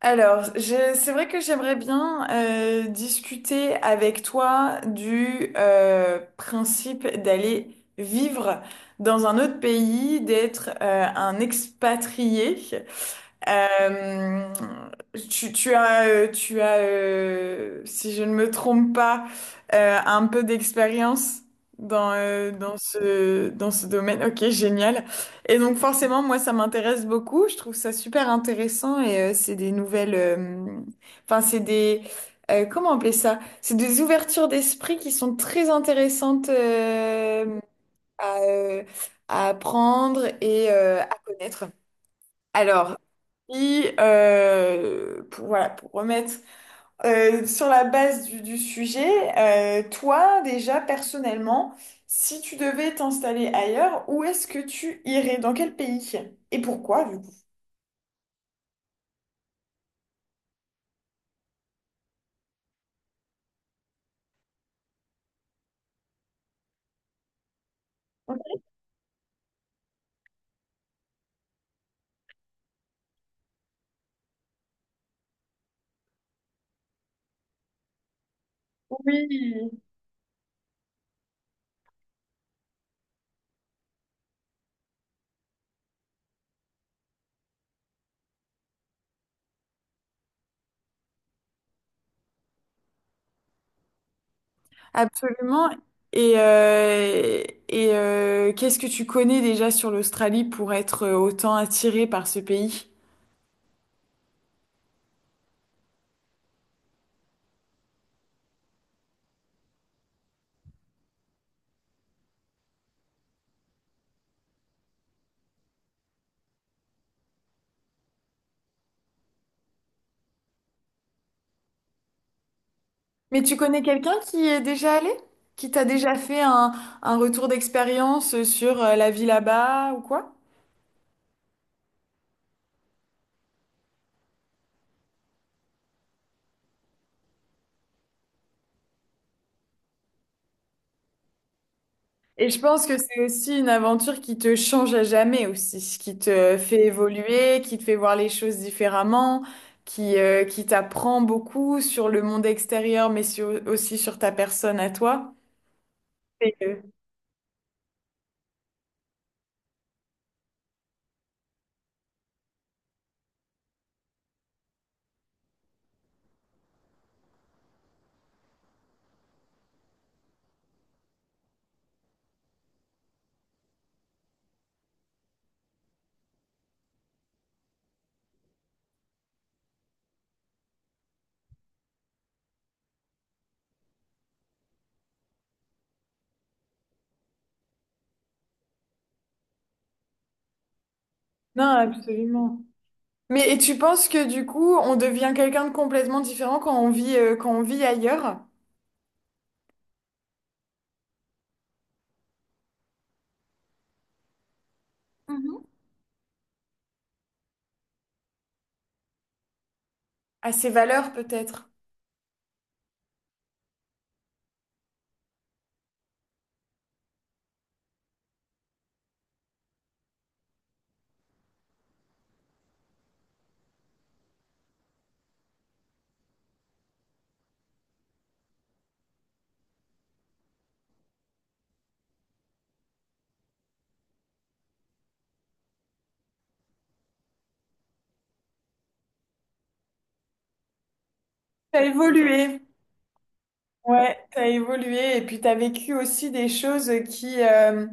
Alors, c'est vrai que j'aimerais bien discuter avec toi du principe d'aller vivre dans un autre pays, d'être un expatrié. Euh, tu, tu as Si je ne me trompe pas, un peu d'expérience dans ce domaine. Ok, génial. Et donc forcément, moi, ça m'intéresse beaucoup. Je trouve ça super intéressant et c'est des nouvelles... Enfin, c'est des... comment appeler ça? C'est des ouvertures d'esprit qui sont très intéressantes à, euh, à apprendre et à connaître. Alors, pour, voilà, pour remettre sur la base du sujet, toi déjà personnellement, si tu devais t'installer ailleurs, où est-ce que tu irais? Dans quel pays? Et pourquoi du coup? Oui, absolument. Et, euh, et qu'est-ce que tu connais déjà sur l'Australie pour être autant attiré par ce pays? Mais tu connais quelqu'un qui y est déjà allé? Qui t'a déjà fait un retour d'expérience sur la vie là-bas ou quoi? Et je pense que c'est aussi une aventure qui te change à jamais aussi, qui te fait évoluer, qui te fait voir les choses différemment, qui t'apprend beaucoup sur le monde extérieur, mais aussi sur ta personne à toi. Et, euh, non, absolument. Mais et tu penses que du coup, on devient quelqu'un de complètement différent quand on vit ailleurs? Mhm. À ses valeurs peut-être? T'as évolué. Ouais, t'as évolué et puis t'as vécu aussi des choses qui,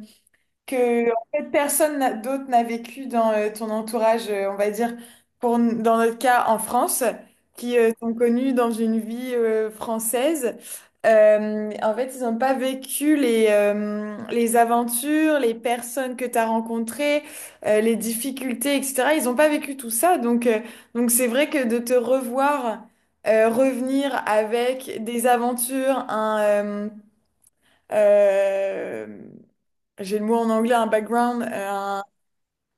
que en fait, personne n'a- d'autre n'a vécu dans ton entourage, on va dire, pour, dans notre cas en France, qui sont connus dans une vie française. En fait, ils n'ont pas vécu les aventures, les personnes que tu as rencontrées, les difficultés, etc. Ils n'ont pas vécu tout ça. Donc c'est vrai que de te revoir, revenir avec des aventures, euh, j'ai le mot en anglais, un background,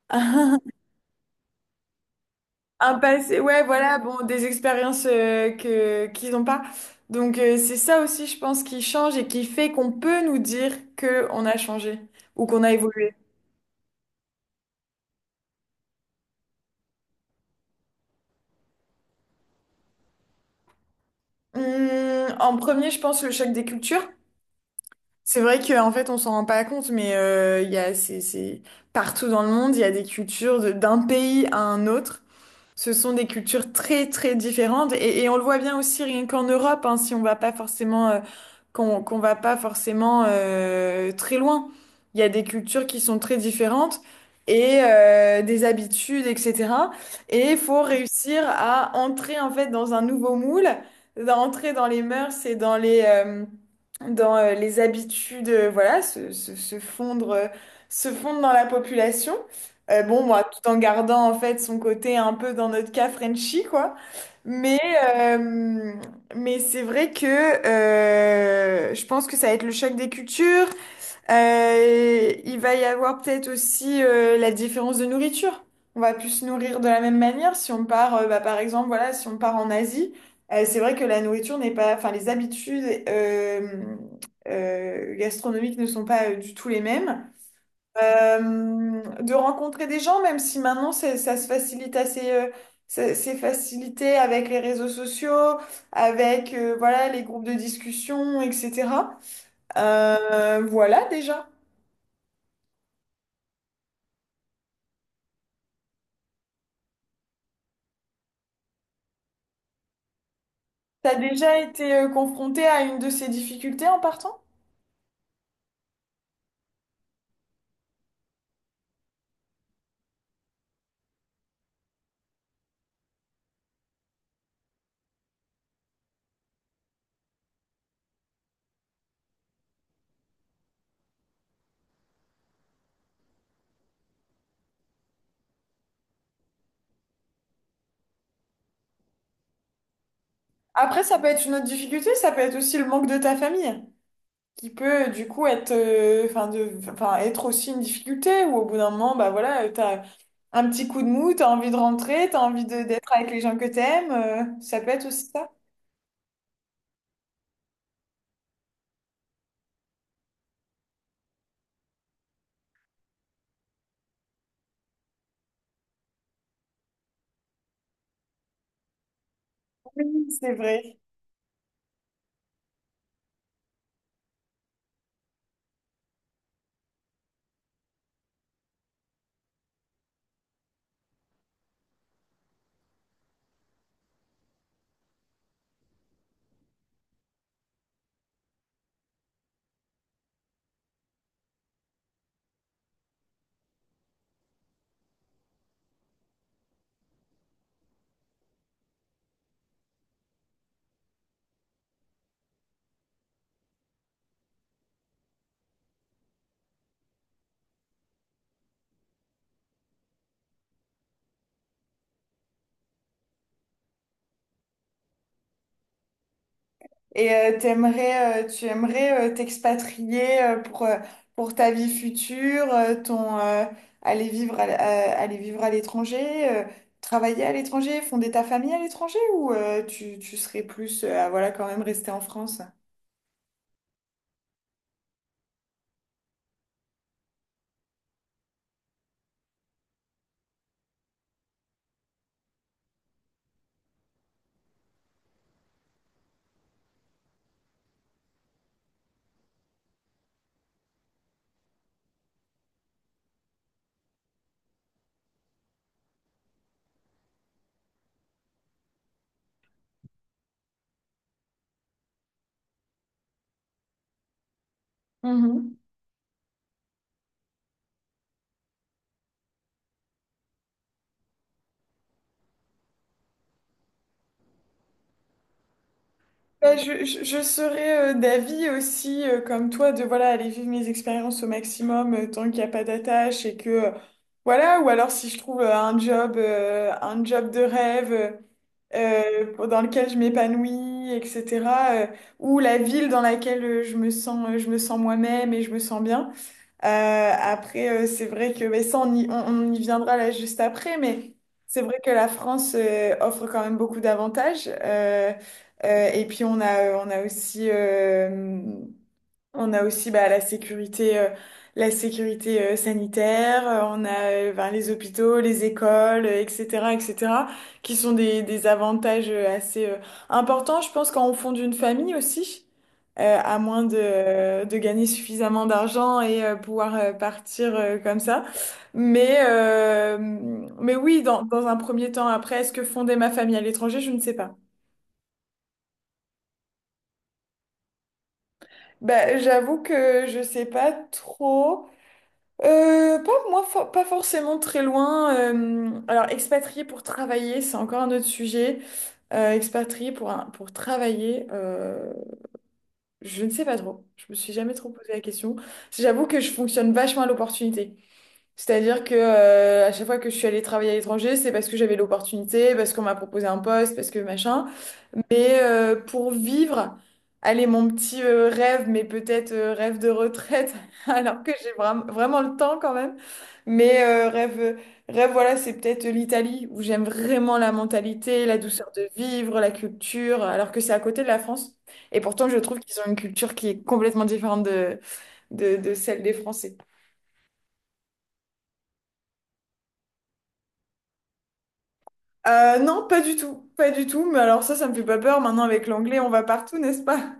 un, un passé, ouais, voilà, bon, des expériences que qu'ils n'ont pas. Donc c'est ça aussi, je pense, qui change et qui fait qu'on peut nous dire que on a changé ou qu'on a évolué. En premier, je pense le choc des cultures. C'est vrai qu'en fait, on s'en rend pas compte, mais il y a, c'est partout dans le monde, il y a des cultures d'un pays à un autre. Ce sont des cultures très très différentes et on le voit bien aussi rien qu'en Europe, hein, si on va pas forcément qu'on qu'on va pas forcément très loin. Il y a des cultures qui sont très différentes et des habitudes, etc. Et il faut réussir à entrer en fait dans un nouveau moule, d'entrer dans les mœurs et dans les habitudes, voilà, se fondre se fondre dans la population. Bon, moi, tout en gardant en fait son côté un peu dans notre cas Frenchy, quoi. Mais, euh, mais c'est vrai que je pense que ça va être le choc des cultures. Il va y avoir peut-être aussi la différence de nourriture. On va plus se nourrir de la même manière si on part, bah, par exemple, voilà, si on part en Asie. C'est vrai que la nourriture n'est pas, enfin, les habitudes gastronomiques ne sont pas du tout les mêmes. Euh, de rencontrer des gens, même si maintenant ça se facilite assez, c'est facilité avec les réseaux sociaux, avec voilà les groupes de discussion, etc. Voilà déjà. T'as déjà été confronté à une de ces difficultés en partant? Après, ça peut être une autre difficulté, ça peut être aussi le manque de ta famille, qui peut du coup être enfin de enfin être aussi une difficulté où au bout d'un moment bah voilà t'as un petit coup de mou, t'as envie de rentrer, t'as envie de d'être avec les gens que t'aimes, ça peut être aussi ça. Oui, c'est vrai. Et euh, t'aimerais euh, tu aimerais t'expatrier pour ta vie future? Ton Aller vivre aller vivre à l'étranger, euh, travailler à l'étranger, fonder ta famille à l'étranger? Ou tu serais plus à, voilà, quand même rester en France? Bah, je serais d'avis aussi, comme toi, de voilà, aller vivre mes expériences au maximum tant qu'il n'y a pas d'attache et que voilà, ou alors si je trouve un job de rêve dans lequel je m'épanouis, etc. euh, ou la ville dans laquelle je me sens moi-même et je me sens bien. Après, c'est vrai que, mais ça, on y viendra là juste après, mais c'est vrai que la France offre quand même beaucoup d'avantages. Et puis, on a aussi bah la sécurité sanitaire, on a ben, les hôpitaux, les écoles, etc., etc., qui sont des avantages assez importants, je pense, quand on fonde une famille aussi, à moins de gagner suffisamment d'argent et pouvoir partir comme ça. Mais, euh, mais oui, dans un premier temps, après, est-ce que fonder ma famille à l'étranger, je ne sais pas. Bah, j'avoue que je sais pas trop. Pas, moi, fo- pas forcément très loin. Alors, expatrié pour travailler, c'est encore un autre sujet. Expatrié pour, pour travailler, je ne sais pas trop. Je me suis jamais trop posé la question. J'avoue que je fonctionne vachement à l'opportunité. C'est-à-dire que à chaque fois que je suis allée travailler à l'étranger, c'est parce que j'avais l'opportunité, parce qu'on m'a proposé un poste, parce que machin. Mais pour vivre, allez, mon petit rêve, mais peut-être rêve de retraite, alors que j'ai vraiment le temps quand même. Mais rêve, voilà, c'est peut-être l'Italie, où j'aime vraiment la mentalité, la douceur de vivre, la culture, alors que c'est à côté de la France. Et pourtant, je trouve qu'ils ont une culture qui est complètement différente de celle des Français. Non, pas du tout, pas du tout. Mais alors ça me fait pas peur. Maintenant, avec l'anglais, on va partout, n'est-ce pas?